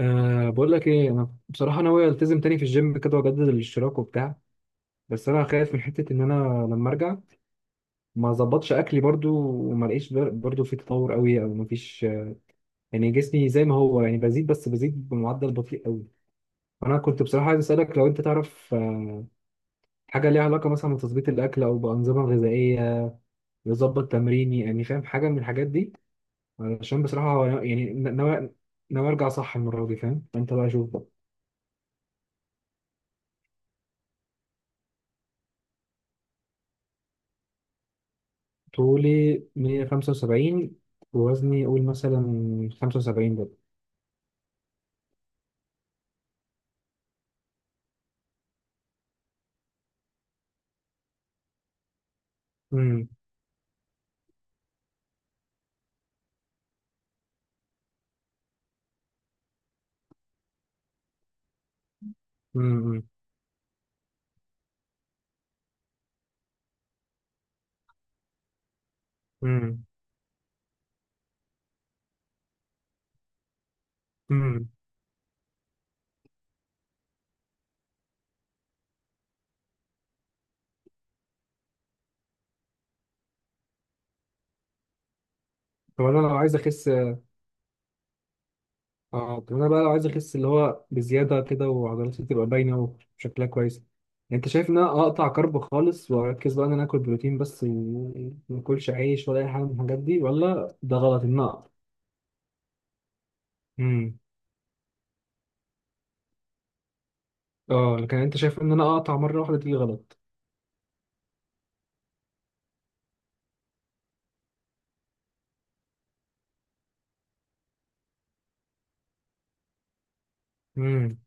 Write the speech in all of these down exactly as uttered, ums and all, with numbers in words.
أه، بقول لك ايه، انا بصراحه ناوي التزم تاني في الجيم كده واجدد الاشتراك وبتاع. بس انا خايف من حته ان انا لما ارجع ما اظبطش اكلي برضو وما الاقيش بر- برضو في تطور قوي او ما فيش. يعني جسمي زي ما هو، يعني بزيد، بس بزيد بمعدل بطيء قوي. انا كنت بصراحه عايز اسالك لو انت تعرف أه حاجه ليها علاقه مثلا بتظبيط الاكل او بانظمه غذائيه يظبط تمريني، يعني فاهم حاجه من الحاجات دي، علشان بصراحه يعني ناوي ناوي ارجع صح المره دي. فاهم؟ انت بقى شوف. طولي مية وخمسة وسبعين، ووزني قول مثلا خمسة وسبعين ده. امم. امم. امم. امم. طب انا لو عايز اخس. اه، طب انا بقى لو عايز اخس اللي هو بزياده كده وعضلاتي تبقى باينه وشكلها كويس، انت شايف ان انا اقطع كرب خالص، واركز بقى ان انا اكل بروتين بس وما اكلش عيش ولا اي حاجه من الحاجات دي؟ ولا ده غلط ان اقطع؟ امم. اه، لكن انت شايف ان انا اقطع مره واحده دي غلط؟ امم.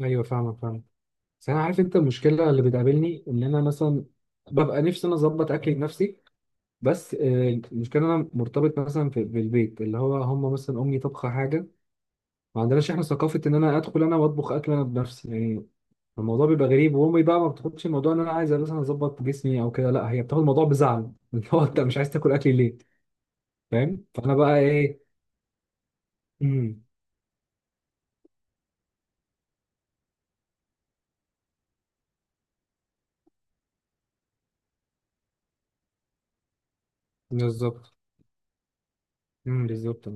ايوه فاهمك فاهمك. بس انا عارف انت، المشكله اللي بتقابلني ان انا مثلا ببقى نفسي انا اظبط اكلي بنفسي. بس آه، المشكله انا مرتبط مثلا في في البيت اللي هو هم مثلا امي طبخه حاجه. ما عندناش احنا ثقافه ان انا ادخل انا واطبخ اكل انا بنفسي يعني. الموضوع بيبقى غريب، وامي بقى ما بتاخدش الموضوع ان انا عايز مثلا اظبط جسمي او كده، لا هي بتاخد الموضوع بزعل، اللي هو انت مش عايز تاكل اكلي ليه. فاهم؟ فانا بقى ايه. امم. بالظبط. امم. بالظبط.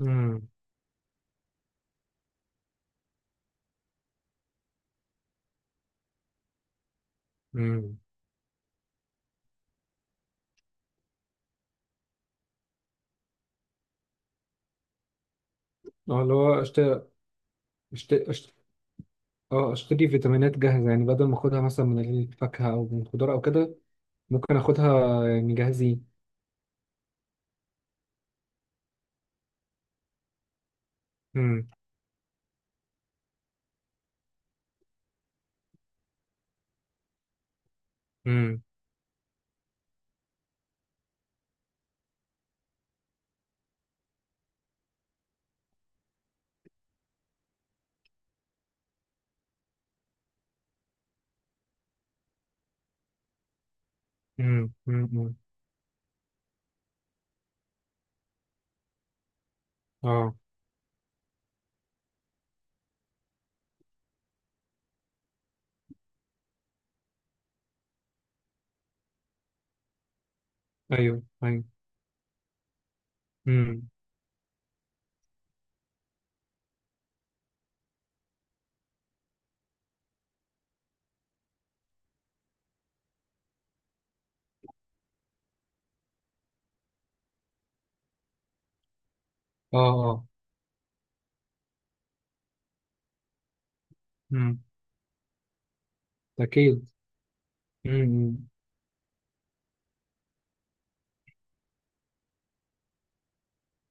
امم. امم. اه، اللي هو اشتري. اشتري. اه، اشتري فيتامينات جاهزة يعني، بدل ما اخدها مثلا من الفاكهة او من الخضار او كده. ممكن اخدها يعني جاهزين. امم. امم. امم. امم. اه. ايوه ايوه. امم. اه. اه. امم. اكيد. امم.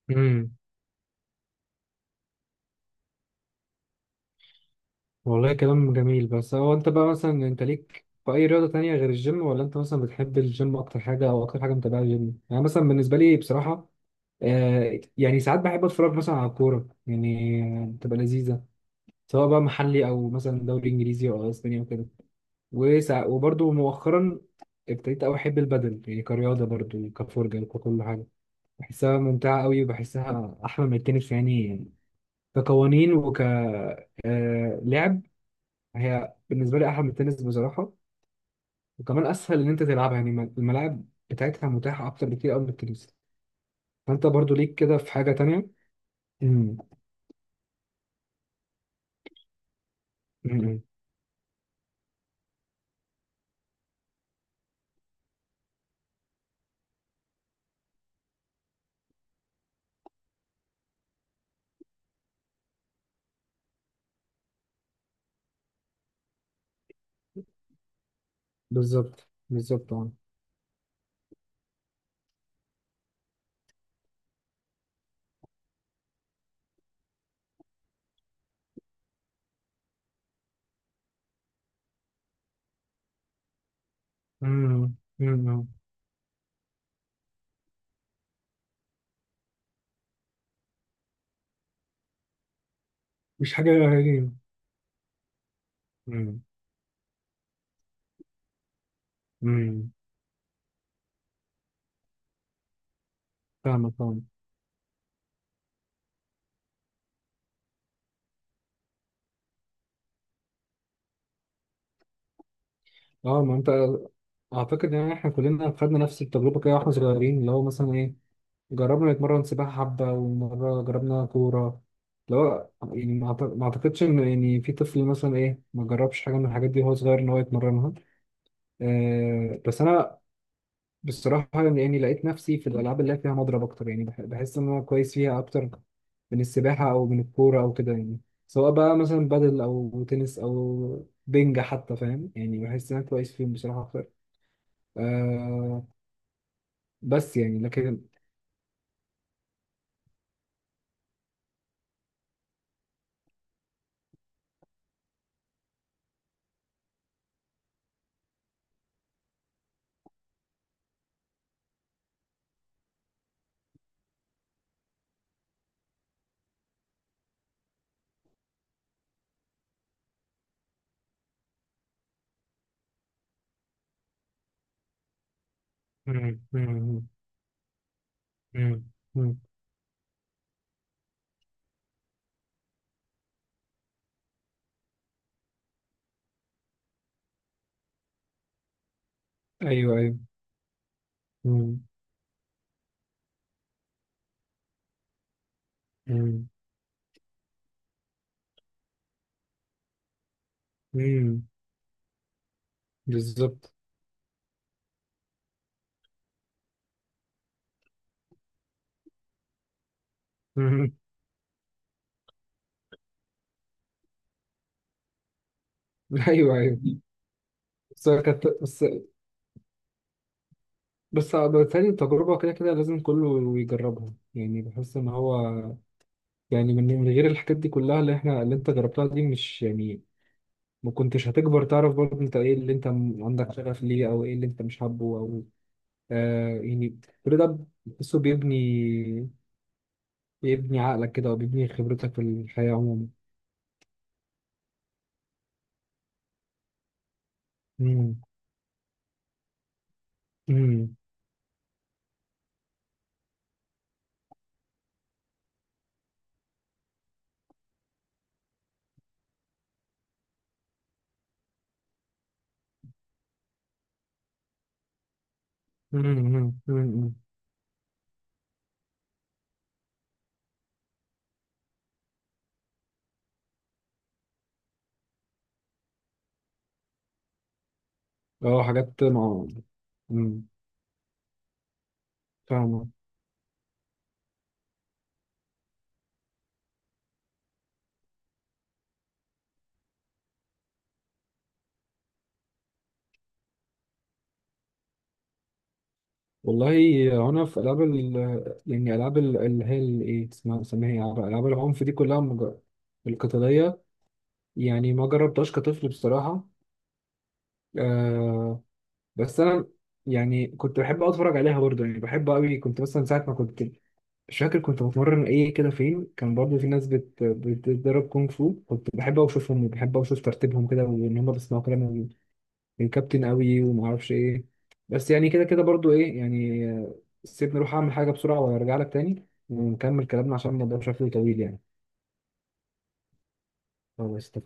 امم. والله كلام جميل. بس هو انت بقى مثلا، انت ليك في اي رياضة تانية غير الجيم، ولا انت مثلا بتحب الجيم اكتر حاجة، او اكتر حاجة متابعة الجيم؟ يعني مثلا بالنسبة لي بصراحة، آه يعني ساعات بحب اتفرج مثلا على الكورة، يعني بتبقى لذيذة، سواء بقى محلي او مثلا دوري انجليزي او اسبانيا وكده. وسع... وبرضه مؤخرا ابتديت قوي احب البدل، يعني كرياضه برضه، كفرجه وككل حاجه. بحسها ممتعه قوي، وبحسها احلى من التنس يعني، كقوانين وك آه، لعب. هي بالنسبه لي احلى من التنس بصراحه، وكمان اسهل ان انت تلعبها، يعني الم- الملاعب بتاعتها متاحه اكتر بكتير قوي من التنس. فانت برضه ليك كده في حاجه تانية؟ امم. أمم. بالظبط بالظبط. اه. أمم. أمم. مش حاجه غريبة. امم. فاهمك فاهمك. اه، ما انت. اعتقد ان احنا كلنا خدنا نفس التجربه كده واحنا صغيرين، اللي هو مثلا ايه، جربنا نتمرن سباحه حبه، ومره جربنا كوره، اللي هو يعني ما أعت- ما اعتقدش ان يعني في طفل مثلا ايه ما جربش حاجه من الحاجات دي وهو صغير ان هو يتمرنها. آه بس انا بصراحة يعني لقيت نفسي في الألعاب اللي هي فيها مضرب أكتر، يعني بح- بحس إن أنا كويس فيها أكتر من السباحة أو من الكورة أو كده يعني. سواء بقى مثلا بادل أو تنس أو بينج حتى، فاهم؟ يعني بحس إن أنا كويس فيهم بصراحة أكتر. آه بس يعني، لكن. مم، مم، مم، مم. أيوه أيوه. مم، مم، مم. بالظبط. مم. أيوه أيوه. بس كانت، بس بس بالتالي التجربة كده كده لازم كله يجربها، يعني بحس إن هو، يعني من من غير الحاجات دي كلها اللي احنا اللي انت جربتها دي، مش يعني ما كنتش هتكبر تعرف برضه انت ايه اللي انت م- عندك شغف ليه، او ايه اللي انت مش حابه. او آه يعني كل ده بتحسه بيبني بيبني عقلك كده، وبيبني خبرتك في الحياة عموما. مم. مم. مم. مم. مم. اه، حاجات مع. مم. فاهمة. والله أنا في ألعاب ال، يعني ألعاب ال- اللي هي ال- إيه اسمها، سميها إيه؟ ألعاب العنف دي كلها مج- القتالية، يعني ما جربتهاش كطفل بصراحة. آه بس أنا يعني كنت بحب أوي أتفرج عليها برضه، يعني بحب أوي. كنت مثلا ساعة ما كنت، مش فاكر كنت بتمرن إيه كده فين، كان برضه في ناس بت... بتتدرب كونغ فو، كنت بحب أوي أشوفهم وبحب أوي أشوف ترتيبهم كده، وإن هما بيسمعوا كلام من من الكابتن أوي، وما أعرفش إيه. بس يعني كده كده برضه إيه يعني، آه، سيبني أروح أعمل حاجة بسرعة وأرجع لك تاني، ونكمل كلامنا، عشان الموضوع شكله طويل يعني. خلاص.